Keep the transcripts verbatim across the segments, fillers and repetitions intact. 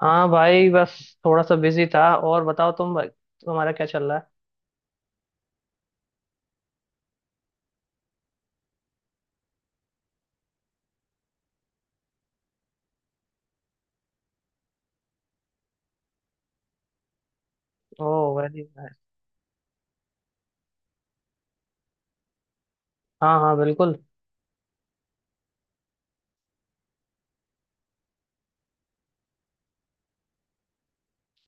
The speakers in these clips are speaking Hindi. हाँ भाई। बस थोड़ा सा बिजी था। और बताओ तुम भाई, तुम्हारा क्या चल रहा है। Oh very nice. हाँ हाँ बिल्कुल।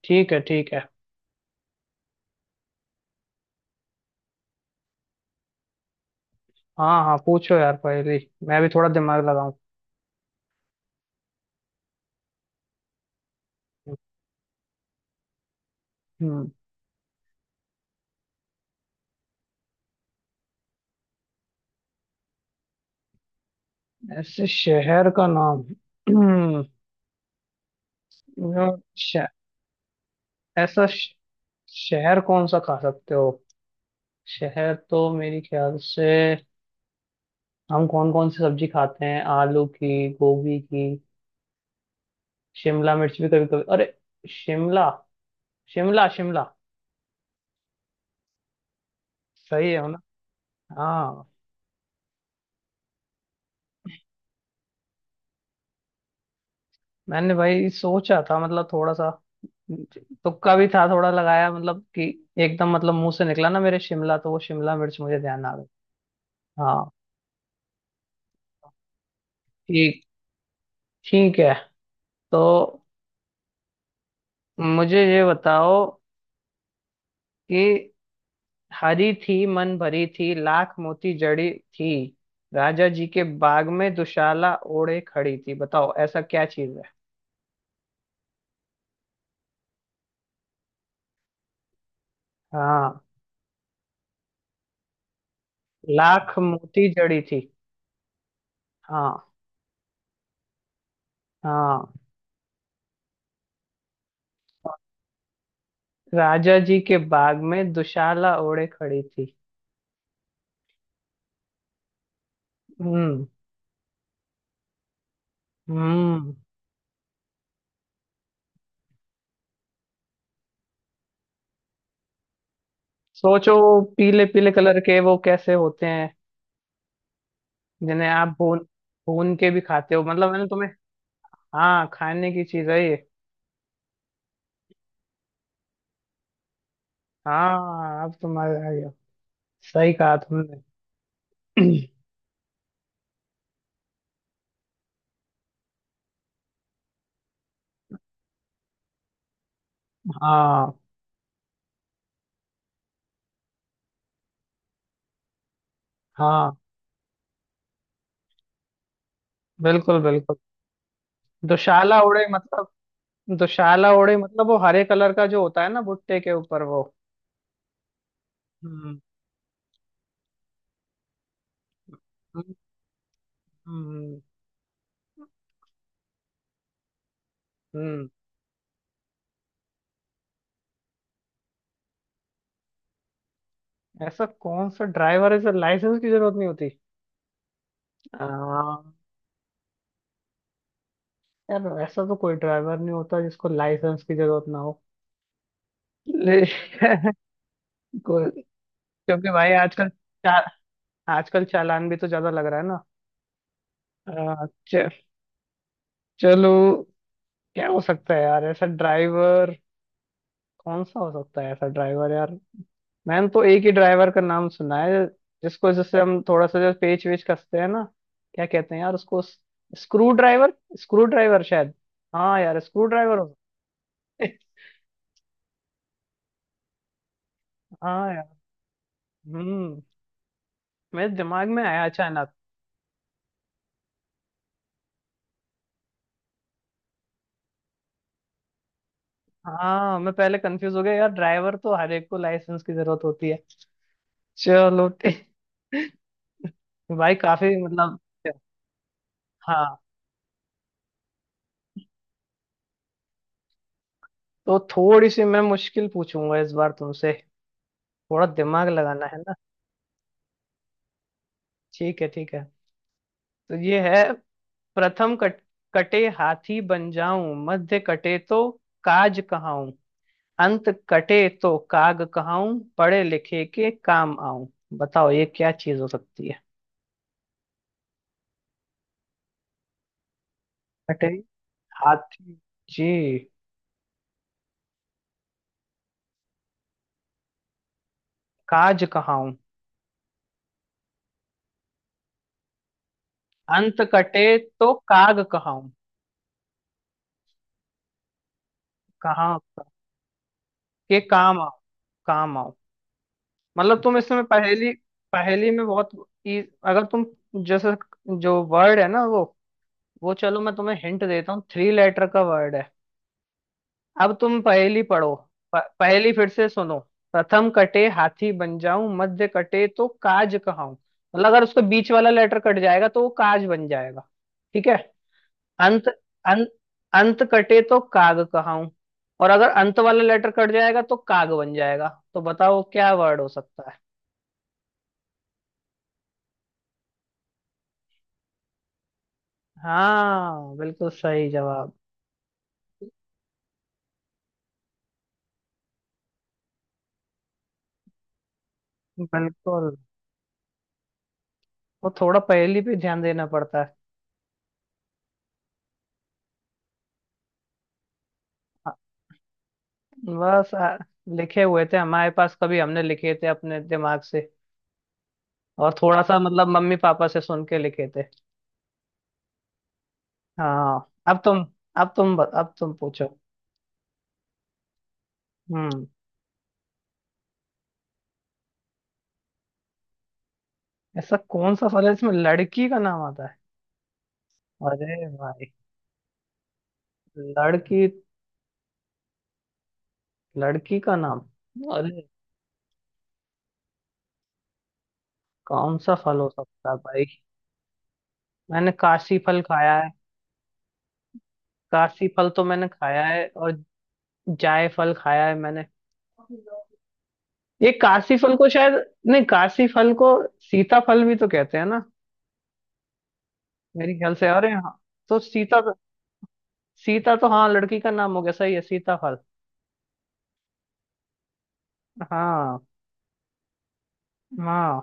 ठीक है ठीक है। हाँ हाँ, पूछो यार पहले। मैं भी थोड़ा दिमाग लगाऊं। हम्म। ऐसे शहर का नाम। हम्म, यार, श- ऐसा श- शहर कौन सा खा सकते हो। शहर तो मेरी ख्याल से हम कौन कौन सी सब्जी खाते हैं? आलू की, गोभी की, शिमला मिर्च भी कभी कभी। अरे! शिमला, शिमला, शिमला। सही है ना। हाँ। मैंने भाई सोचा था, मतलब थोड़ा सा। तुक्का भी था थोड़ा लगाया, मतलब कि एकदम मतलब मुंह से निकला ना मेरे शिमला, तो वो शिमला मिर्च मुझे ध्यान आ गई। हाँ। ठीक ठीक है। तो मुझे ये बताओ कि हरी थी, मन भरी थी, लाख मोती जड़ी थी। राजा जी के बाग में दुशाला ओढ़े खड़ी थी। बताओ ऐसा क्या चीज है। हाँ। लाख मोती जड़ी थी। हाँ हाँ। राजा जी के बाग में दुशाला ओढ़े खड़ी थी। हम्म। हम्म। सोचो, वो पीले पीले कलर के, वो कैसे होते हैं जिन्हें आप भून भून के भी खाते हो मतलब। मैंने तुम्हें। हाँ, खाने की चीज है ये। हाँ, अब तुम्हारे आ गया। सही कहा तुमने। हाँ। हाँ, बिल्कुल बिल्कुल। दुशाला ओढ़े मतलब। दुशाला ओढ़े मतलब वो हरे कलर का जो होता है ना भुट्टे के ऊपर वो। हम्म हम्म हम्म हम्म। ऐसा कौन सा ड्राइवर है जिसे लाइसेंस की जरूरत नहीं होती। आ, यार ऐसा तो कोई ड्राइवर नहीं होता जिसको लाइसेंस की जरूरत ना हो। ले- को- क्योंकि भाई आजकल चा, आजकल चालान भी तो ज्यादा लग रहा है ना। आ, च, चलो। क्या हो सकता है यार ऐसा ड्राइवर? कौन सा हो सकता है ऐसा ड्राइवर यार? मैंने तो एक ही ड्राइवर का नाम सुना है, जिसको जैसे हम थोड़ा सा जो पेच वेच कसते हैं ना, क्या कहते हैं यार उसको, स्क्रू ड्राइवर। स्क्रू ड्राइवर शायद। हाँ यार स्क्रू ड्राइवर। हाँ यार। हम्म। मेरे दिमाग में आया अचानक। हाँ, मैं पहले कंफ्यूज हो गया यार। ड्राइवर तो हर एक को लाइसेंस की जरूरत होती है। चलो ठीक। भाई काफी मतलब। हाँ। तो थोड़ी सी मैं मुश्किल पूछूंगा इस बार तुमसे। थोड़ा दिमाग लगाना है ना। ठीक है ठीक है। तो ये है। प्रथम कट, कटे हाथी बन जाऊं, मध्य कटे तो काज कहाऊं, अंत कटे तो काग कहाऊं, पढ़े लिखे के काम आऊं। बताओ ये क्या चीज हो सकती है। कटे। हाथी। जी। काज कहाऊं। अंत कटे। तो काग कहाऊं। कहाँ? के काम आओ। काम आओ। मतलब तुम इसमें पहेली, पहेली में बहुत ई, अगर तुम जैसे, जो वर्ड है ना वो वो चलो मैं तुम्हें हिंट देता हूँ, थ्री लेटर का वर्ड है। अब तुम पहेली पढ़ो। प, पहेली फिर से सुनो। प्रथम कटे हाथी बन जाऊं, मध्य कटे तो काज कहाऊं, मतलब अगर उसका बीच वाला लेटर कट जाएगा तो वो काज बन जाएगा। ठीक है। अंत, अंत, अंत कटे तो काग कहाऊं। और अगर अंत वाला लेटर कट जाएगा तो काग बन जाएगा। तो बताओ क्या वर्ड हो सकता है। हाँ, बिल्कुल सही जवाब। बिल्कुल। वो थोड़ा पहेली पे ध्यान देना पड़ता है। अ- बस अ, लिखे हुए थे हमारे पास, कभी हमने लिखे थे अपने दिमाग से। और थोड़ा सा मतलब मम्मी पापा से सुन के लिखे थे। हाँ, अब तुम। अब तुम ब- अब तुम पूछो। हम्म। ऐसा कौन सा फल है जिसमें लड़की का नाम आता है। अरे भाई। लड़की। लड़की का नाम। अरे। कौन सा फल हो सकता है भाई? मैंने काशी फल खाया है। काशी फल तो मैंने खाया है। और जायफल खाया है मैंने। ये काशी फल को शायद, नहीं काशी फल को, सीता फल भी तो कहते हैं ना मेरे ख्याल से। अरे हाँ, तो सीता, सीता तो हाँ लड़की का नाम हो गया। सही है, सीता फल। हाँ हाँ।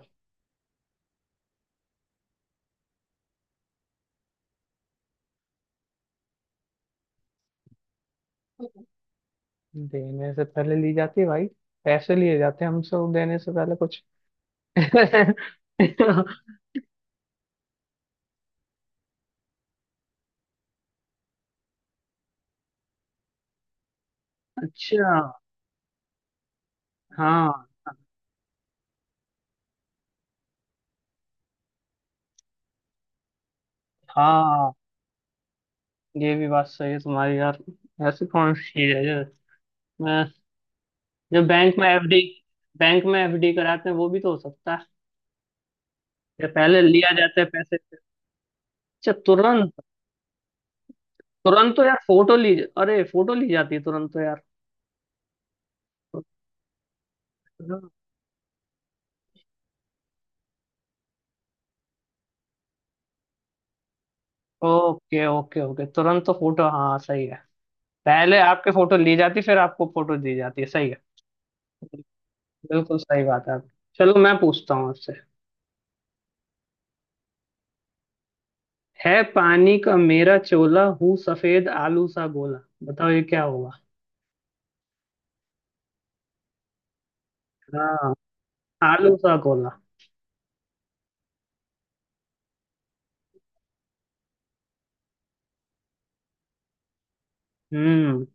देने से पहले ली जाती है भाई? पैसे लिए जाते हैं हमसे वो देने से पहले कुछ। अच्छा। हाँ हाँ, ये भी बात सही है तुम्हारी यार। ऐसी कौन सी चीज है जो, मैं, जो बैंक में एफ डी, बैंक में एफ डी कराते हैं वो भी तो हो सकता है? या पहले लिया जाता है पैसे? अच्छा, तुरंत। तुरंत तो यार फोटो ली, अरे फोटो ली जाती है तुरंत तो यार। ओके ओके ओके, तुरंत तो फोटो, हाँ सही है। पहले आपके फोटो ली जाती फिर आपको फोटो दी जाती है। सही है। बिल्कुल सही बात है आपकी। चलो मैं पूछता हूँ आपसे। है पानी का मेरा चोला, हूँ सफेद आलू सा गोला। बताओ ये क्या होगा। हाँ। आलू सा गोला। हम्म।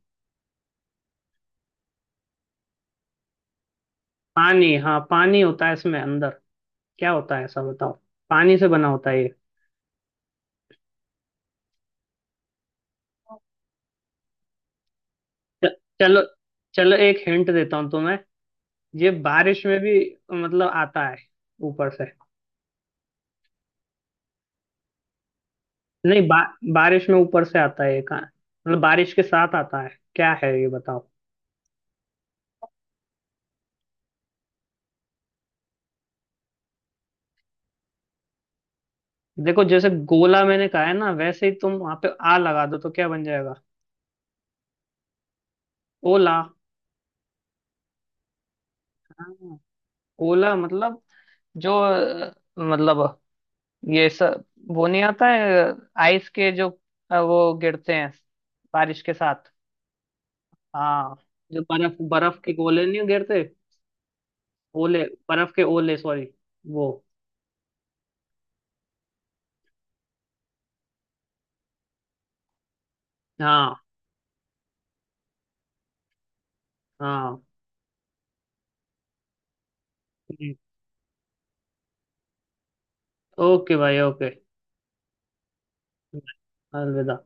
पानी, हाँ पानी होता है इसमें अंदर। क्या होता है ऐसा बताओ। पानी से बना होता है ये। च- चलो। चलो, एक हिंट देता हूँ तुम्हें। ये बारिश में भी मतलब आता है ऊपर से। नहीं बा, बारिश में ऊपर से आता है ये, कहाँ मतलब बारिश के साथ आता है। क्या है ये बताओ। देखो जैसे गोला मैंने कहा है ना, वैसे ही तुम वहां पे आ लगा दो तो क्या बन जाएगा। ओला। हाँ। ओला मतलब जो अ, मतलब ये सब, वो नहीं आता है, आइस के जो अ, वो गिरते हैं बारिश के साथ। हाँ। जो बर्फ बर्फ के गोले नहीं गिरते। ओले, बर्फ के ओले सॉरी, वो। हाँ हाँ। ओके भाई ओके। अलविदा।